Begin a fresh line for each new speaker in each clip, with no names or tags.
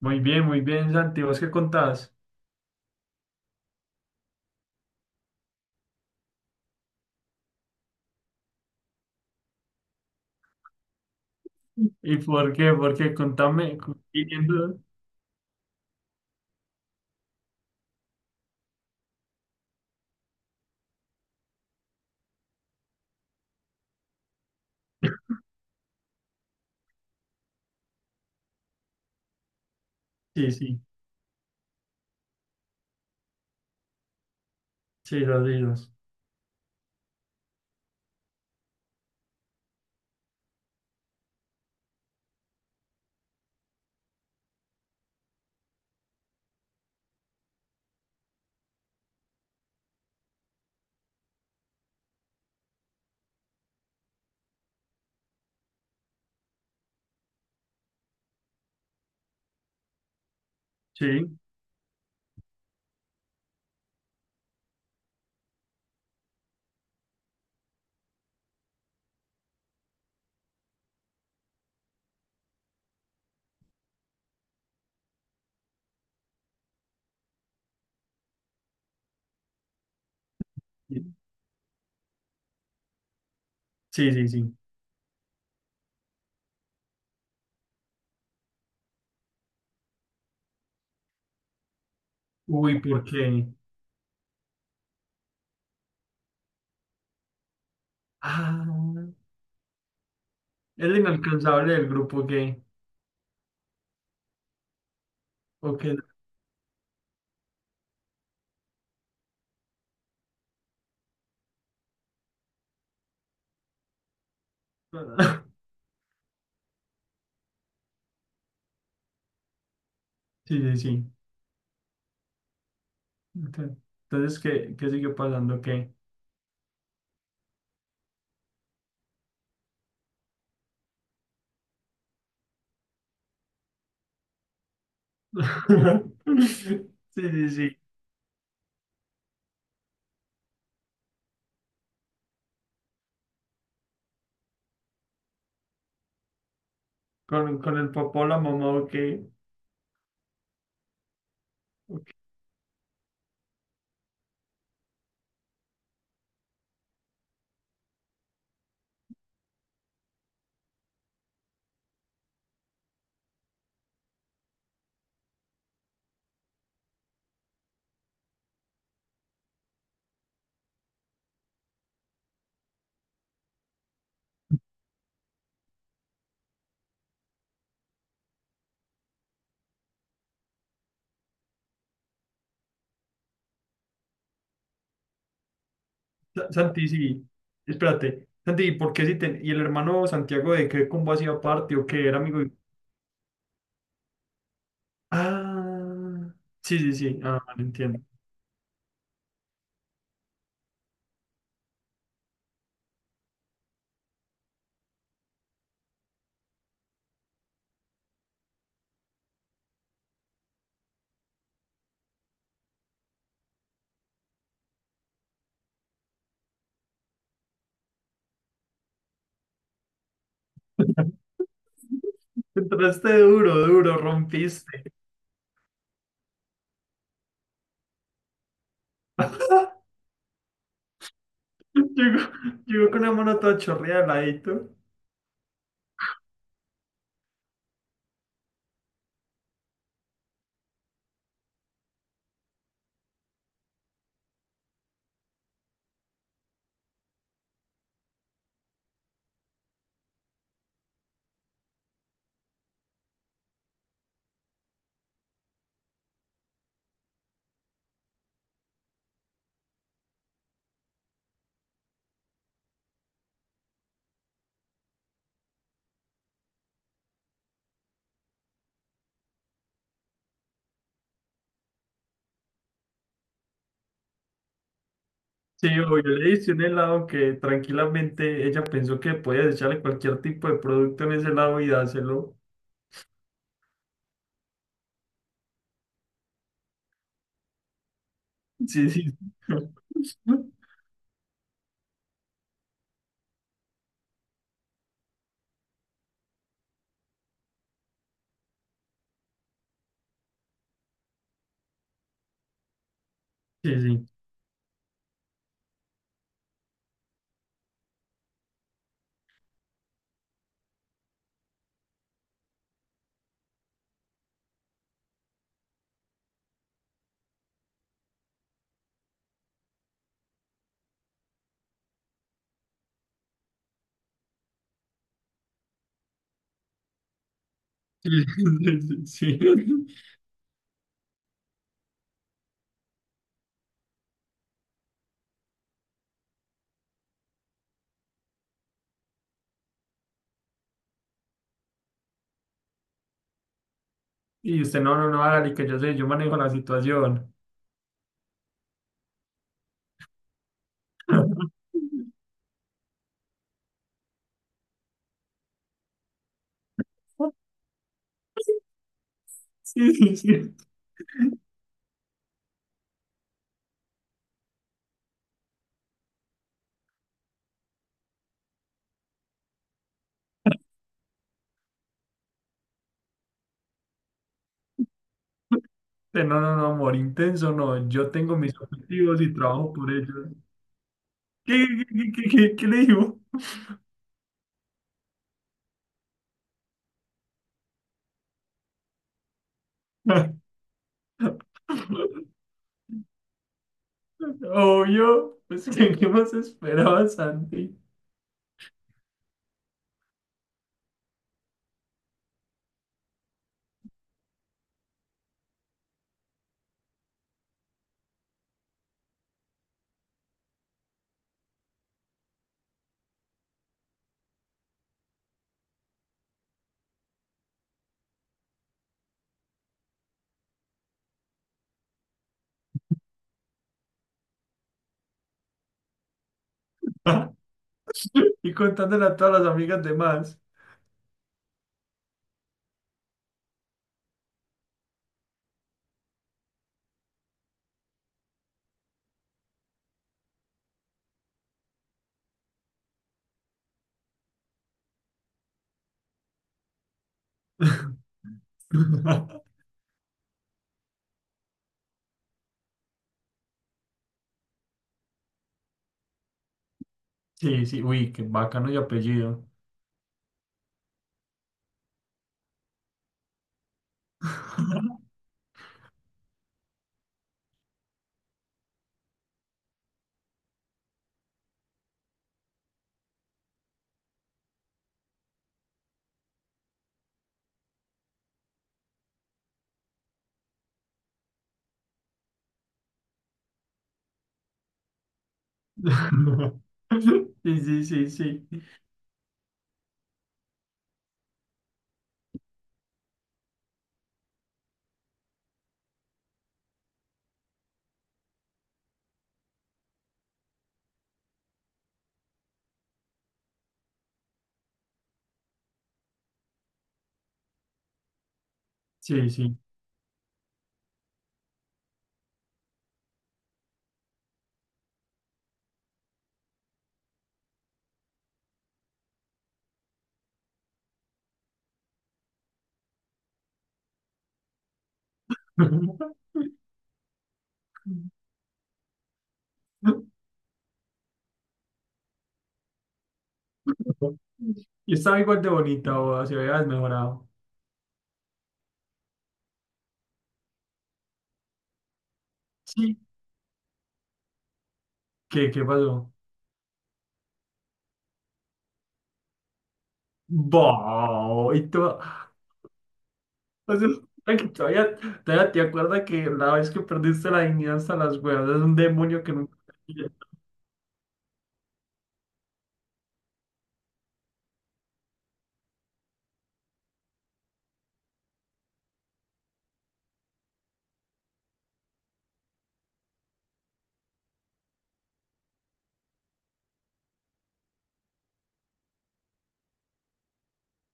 Muy bien, Santi. ¿Vos qué contás? ¿Y por qué? ¿Por qué? Contame. Siguiendo... Sí, sí, sí, los islas. Sí, sí, sí. Uy, ¿por qué? Ah, el inalcanzable del grupo gay. ¿O qué? Sí, sí, sí. Ok. Entonces, ¿qué, qué sigue pasando? ¿Qué? Sí, sí, sí. Con el papá o la mamá o qué? Santi, sí, espérate. Santi, ¿por qué si te...? ¿Y el hermano Santiago de qué combo hacía parte o qué era amigo? Ah, sí, sí, sí, ah, vale, entiendo. Entraste duro, duro, rompiste. Llegó, llegó con una mano toda chorreada al ladito. Sí, yo le hice un helado que tranquilamente ella pensó que podía echarle cualquier tipo de producto en ese helado y dárselo. Sí, sí. Sí, sí. Sí, sí, sí. Y usted, no, no, no, hágale, que yo sé, yo manejo la situación. Sí, sí, sí. Usted, no, no, no, amor, intenso, no, yo tengo mis objetivos y trabajo por ellos. ¿Qué, qué, qué, qué, qué le digo? Obvio, pues, ¿qué, qué más esperaba, Santi? Y contándole a todas las amigas de más. Sí, sí, uy, qué bacano y apellido. Sí, sí, sí, sí, sí, sí. Y estaba igual de bonita, o se había desmejorado. Sí. ¿Qué, qué pasó? Bo, y tú, o sea, ay, que todavía, todavía te acuerdas que la vez que perdiste la dignidad hasta las huevas, es un demonio que nunca.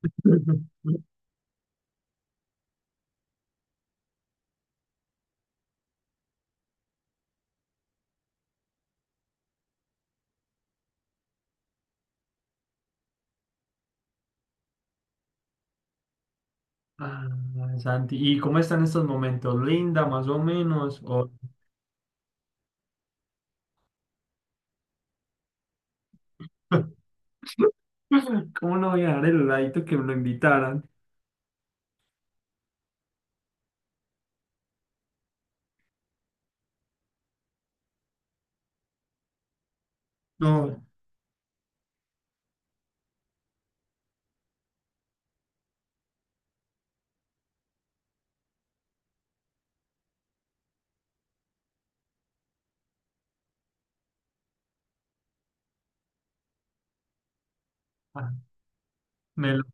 Ah, Santi, ¿y cómo están estos momentos? ¿Linda, más o menos? ¿O... ¿Cómo no voy a dejar el heladito que me lo invitaran? No, ah, me lo...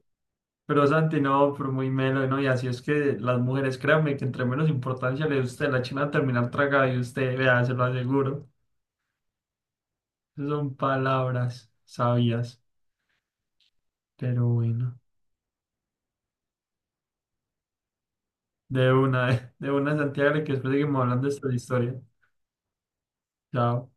Pero Santi, no, pero muy melo, ¿no? Y así es que las mujeres, créanme, que entre menos importancia le dé usted, la china va a terminar tragada y usted, vea, se lo aseguro. Esas son palabras sabias, pero bueno. De una, de una, Santiago, que después seguimos hablando de esta historia. Chao.